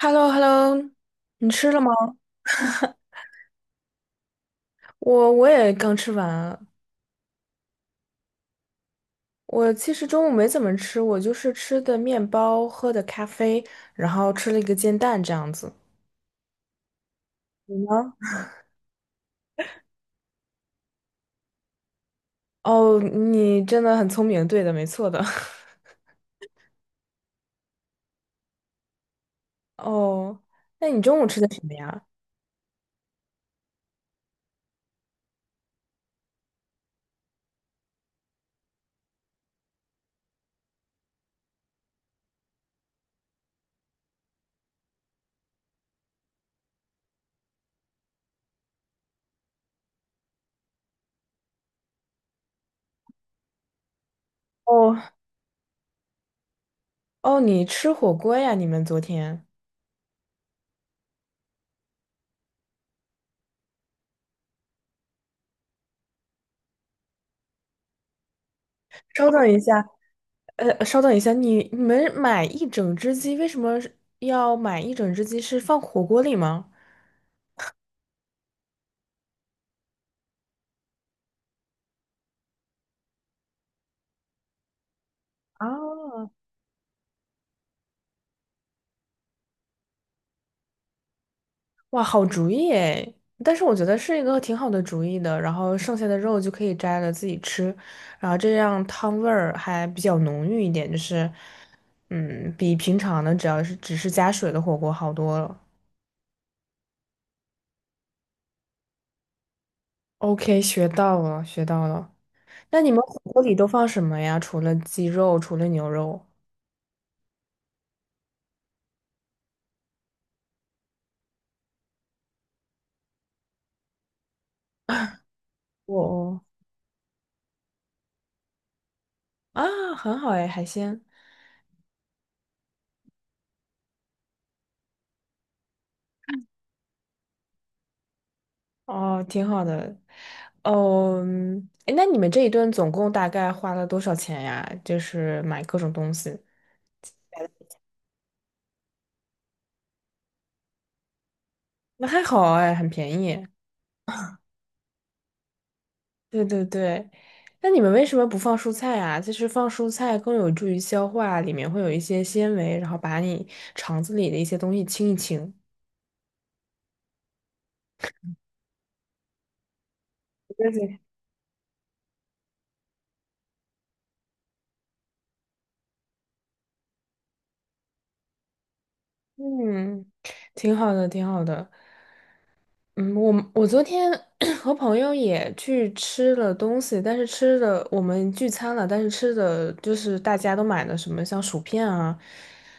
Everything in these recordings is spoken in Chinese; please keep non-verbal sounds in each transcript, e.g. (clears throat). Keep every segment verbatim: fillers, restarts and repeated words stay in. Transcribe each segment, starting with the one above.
h e l l o h e l l o 你吃了吗？我我也刚吃完啊。我其实中午没怎么吃，我就是吃的面包，喝的咖啡，然后吃了一个煎蛋这样子。你呢？哦，你真的很聪明，对的，没错的。(laughs) 哦，那你中午吃的什么呀？哦哦，你吃火锅呀？你们昨天？稍等一下，呃，稍等一下，你你们买一整只鸡，为什么是要买一整只鸡？是放火锅里吗？啊，哇，好主意诶！但是我觉得是一个挺好的主意的，然后剩下的肉就可以摘了自己吃，然后这样汤味儿还比较浓郁一点，就是，嗯，比平常的只要是只是加水的火锅好多了。OK，学到了，学到了。那你们火锅里都放什么呀？除了鸡肉，除了牛肉？我哦，啊，很好诶，海鲜。哦，挺好的。嗯，诶那你们这一顿总共大概花了多少钱呀？就是买各种东西，那还好哎，很便宜。对对对，那你们为什么不放蔬菜啊？就是放蔬菜更有助于消化，里面会有一些纤维，然后把你肠子里的一些东西清一清。对对嗯，挺好的，挺好的。嗯，我我昨天 (clears throat) 和朋友也去吃了东西，但是吃的我们聚餐了，但是吃的就是大家都买的什么像薯片啊，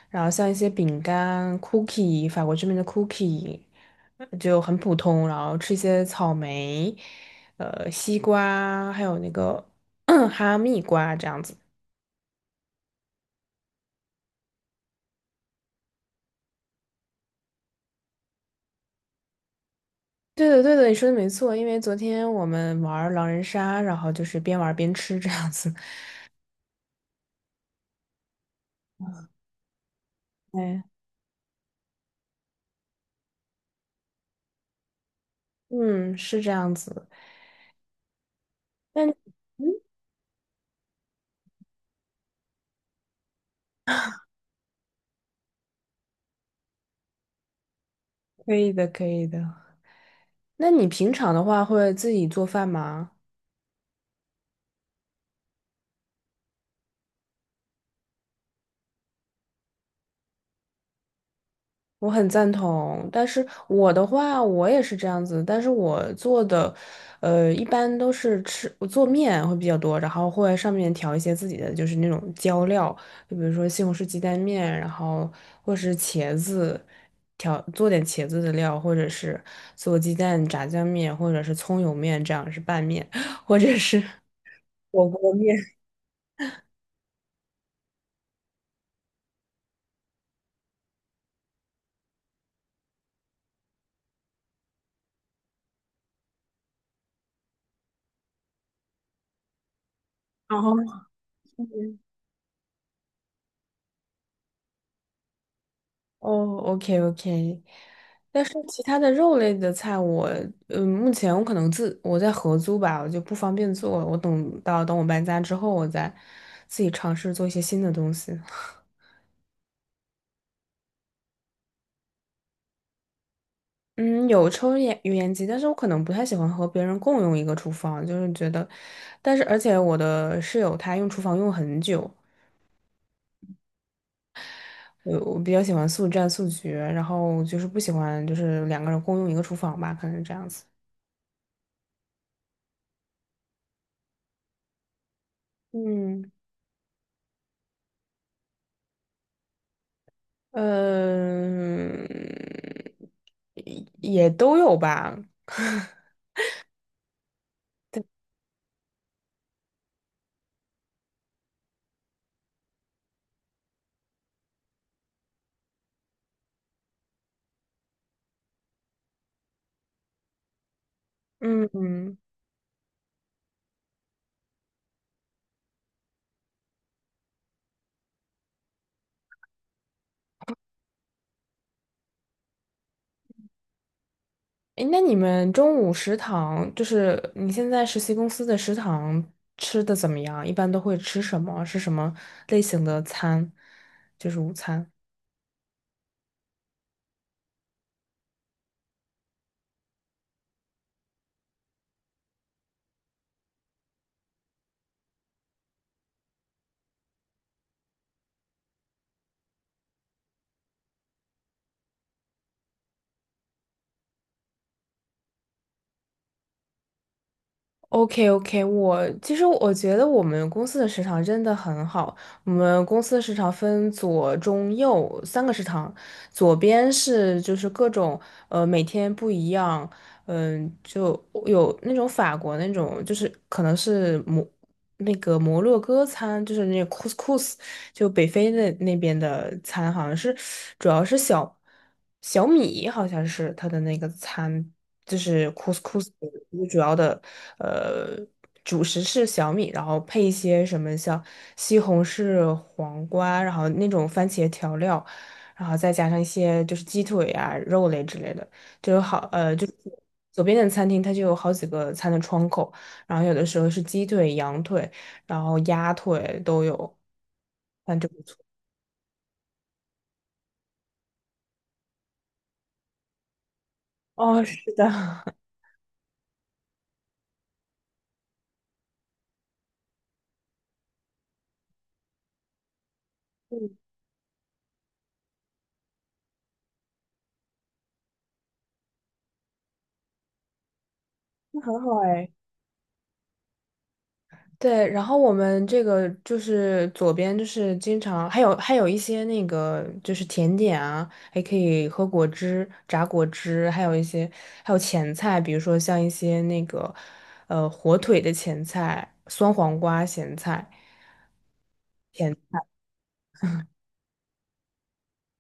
然后像一些饼干、cookie，法国这边的 cookie 呃就很普通，然后吃一些草莓、呃西瓜，还有那个 (clears throat) 哈密瓜这样子。对的，对的，你说的没错，因为昨天我们玩狼人杀，然后就是边玩边吃这样子。哎，嗯，是这样子。那你嗯，可以的，可以的。那你平常的话会自己做饭吗？我很赞同，但是我的话，我也是这样子，但是我做的，呃，一般都是吃，我做面会比较多，然后会上面调一些自己的，就是那种浇料，就比如说西红柿鸡蛋面，然后或是茄子，调，做点茄子的料，或者是做鸡蛋炸酱面，或者是葱油面，这样是拌面，或者是火锅面。(laughs) 然后。哦，OK OK，但是其他的肉类的菜我，嗯，目前我可能自我在合租吧，我就不方便做。我等到等我搬家之后，我再自己尝试做一些新的东西。(laughs) 嗯，有抽烟油烟机，但是我可能不太喜欢和别人共用一个厨房，就是觉得，但是而且我的室友他用厨房用很久，我我比较喜欢速战速决，然后就是不喜欢就是两个人共用一个厨房吧，可能是这样子。嗯。嗯，也也都有吧。嗯，诶，那你们中午食堂，就是你现在实习公司的食堂吃的怎么样？一般都会吃什么？是什么类型的餐？就是午餐。OK OK，我其实我觉得我们公司的食堂真的很好。我们公司的食堂分左、中、右三个食堂，左边是就是各种呃每天不一样，嗯、就有那种法国那种，就是可能是摩那个摩洛哥餐，就是那 couscous，就北非的那边的餐好像是主要是小小米，好像是它的那个餐，就是 couscous 的一个主要的呃主食是小米，然后配一些什么像西红柿、黄瓜，然后那种番茄调料，然后再加上一些就是鸡腿啊、肉类之类的，就有好呃就是左边的餐厅它就有好几个餐的窗口，然后有的时候是鸡腿、羊腿。然后鸭腿都有。反正不错。哦，是的，(laughs) 很好哎。对，然后我们这个就是左边就是经常还有还有一些那个就是甜点啊，还可以喝果汁、榨果汁，还有一些还有前菜，比如说像一些那个呃火腿的前菜、酸黄瓜咸菜。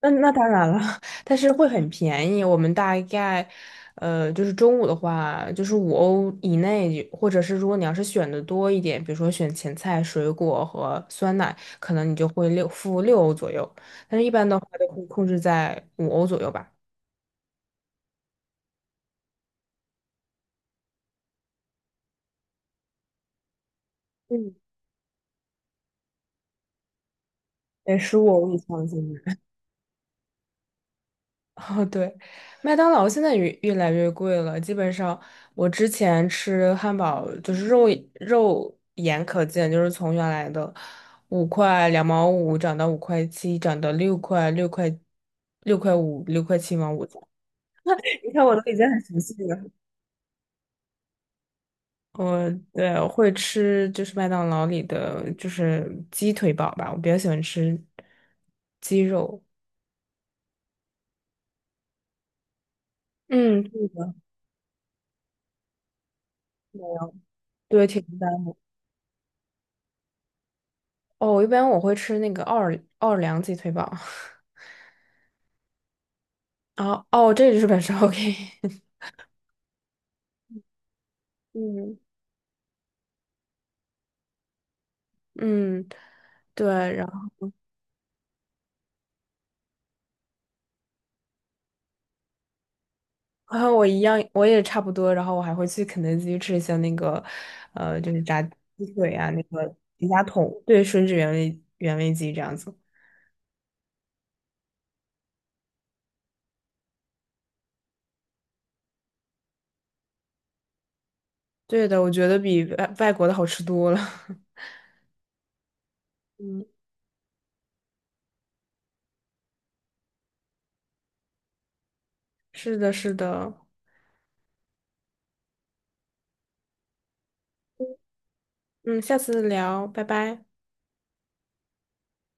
那那当然了，(laughs) 但是会很便宜。我们大概，呃，就是中午的话，就是五欧以内，或者是如果你要是选的多一点，比如说选前菜、水果和酸奶，可能你就会六付六欧左右。但是一般的话都会控制在五欧左右吧。嗯，得十五欧以上的尽哦，对，麦当劳现在越越来越贵了。基本上，我之前吃汉堡就是肉肉眼可见，就是从原来的五块两毛五涨到五块七，涨到六块六块六块五，六块七毛五。(laughs) 你看我都已经很熟悉了。我对我会吃就是麦当劳里的就是鸡腿堡吧，我比较喜欢吃鸡肉。嗯，对，挺。哦，一般我会吃那个奥尔奥尔良鸡腿堡。(laughs) 啊，哦，这就是本烧 OK。(laughs) 嗯，嗯，对，然后然后我一样，我也差不多，然后我还会去肯德基吃一下那个，呃，就是炸鸡腿啊，那个迪家桶，对，吮指原味原味鸡这样子。对的，我觉得比外外国的好吃多了。(laughs) 嗯，是的，是的。嗯，下次聊，拜拜。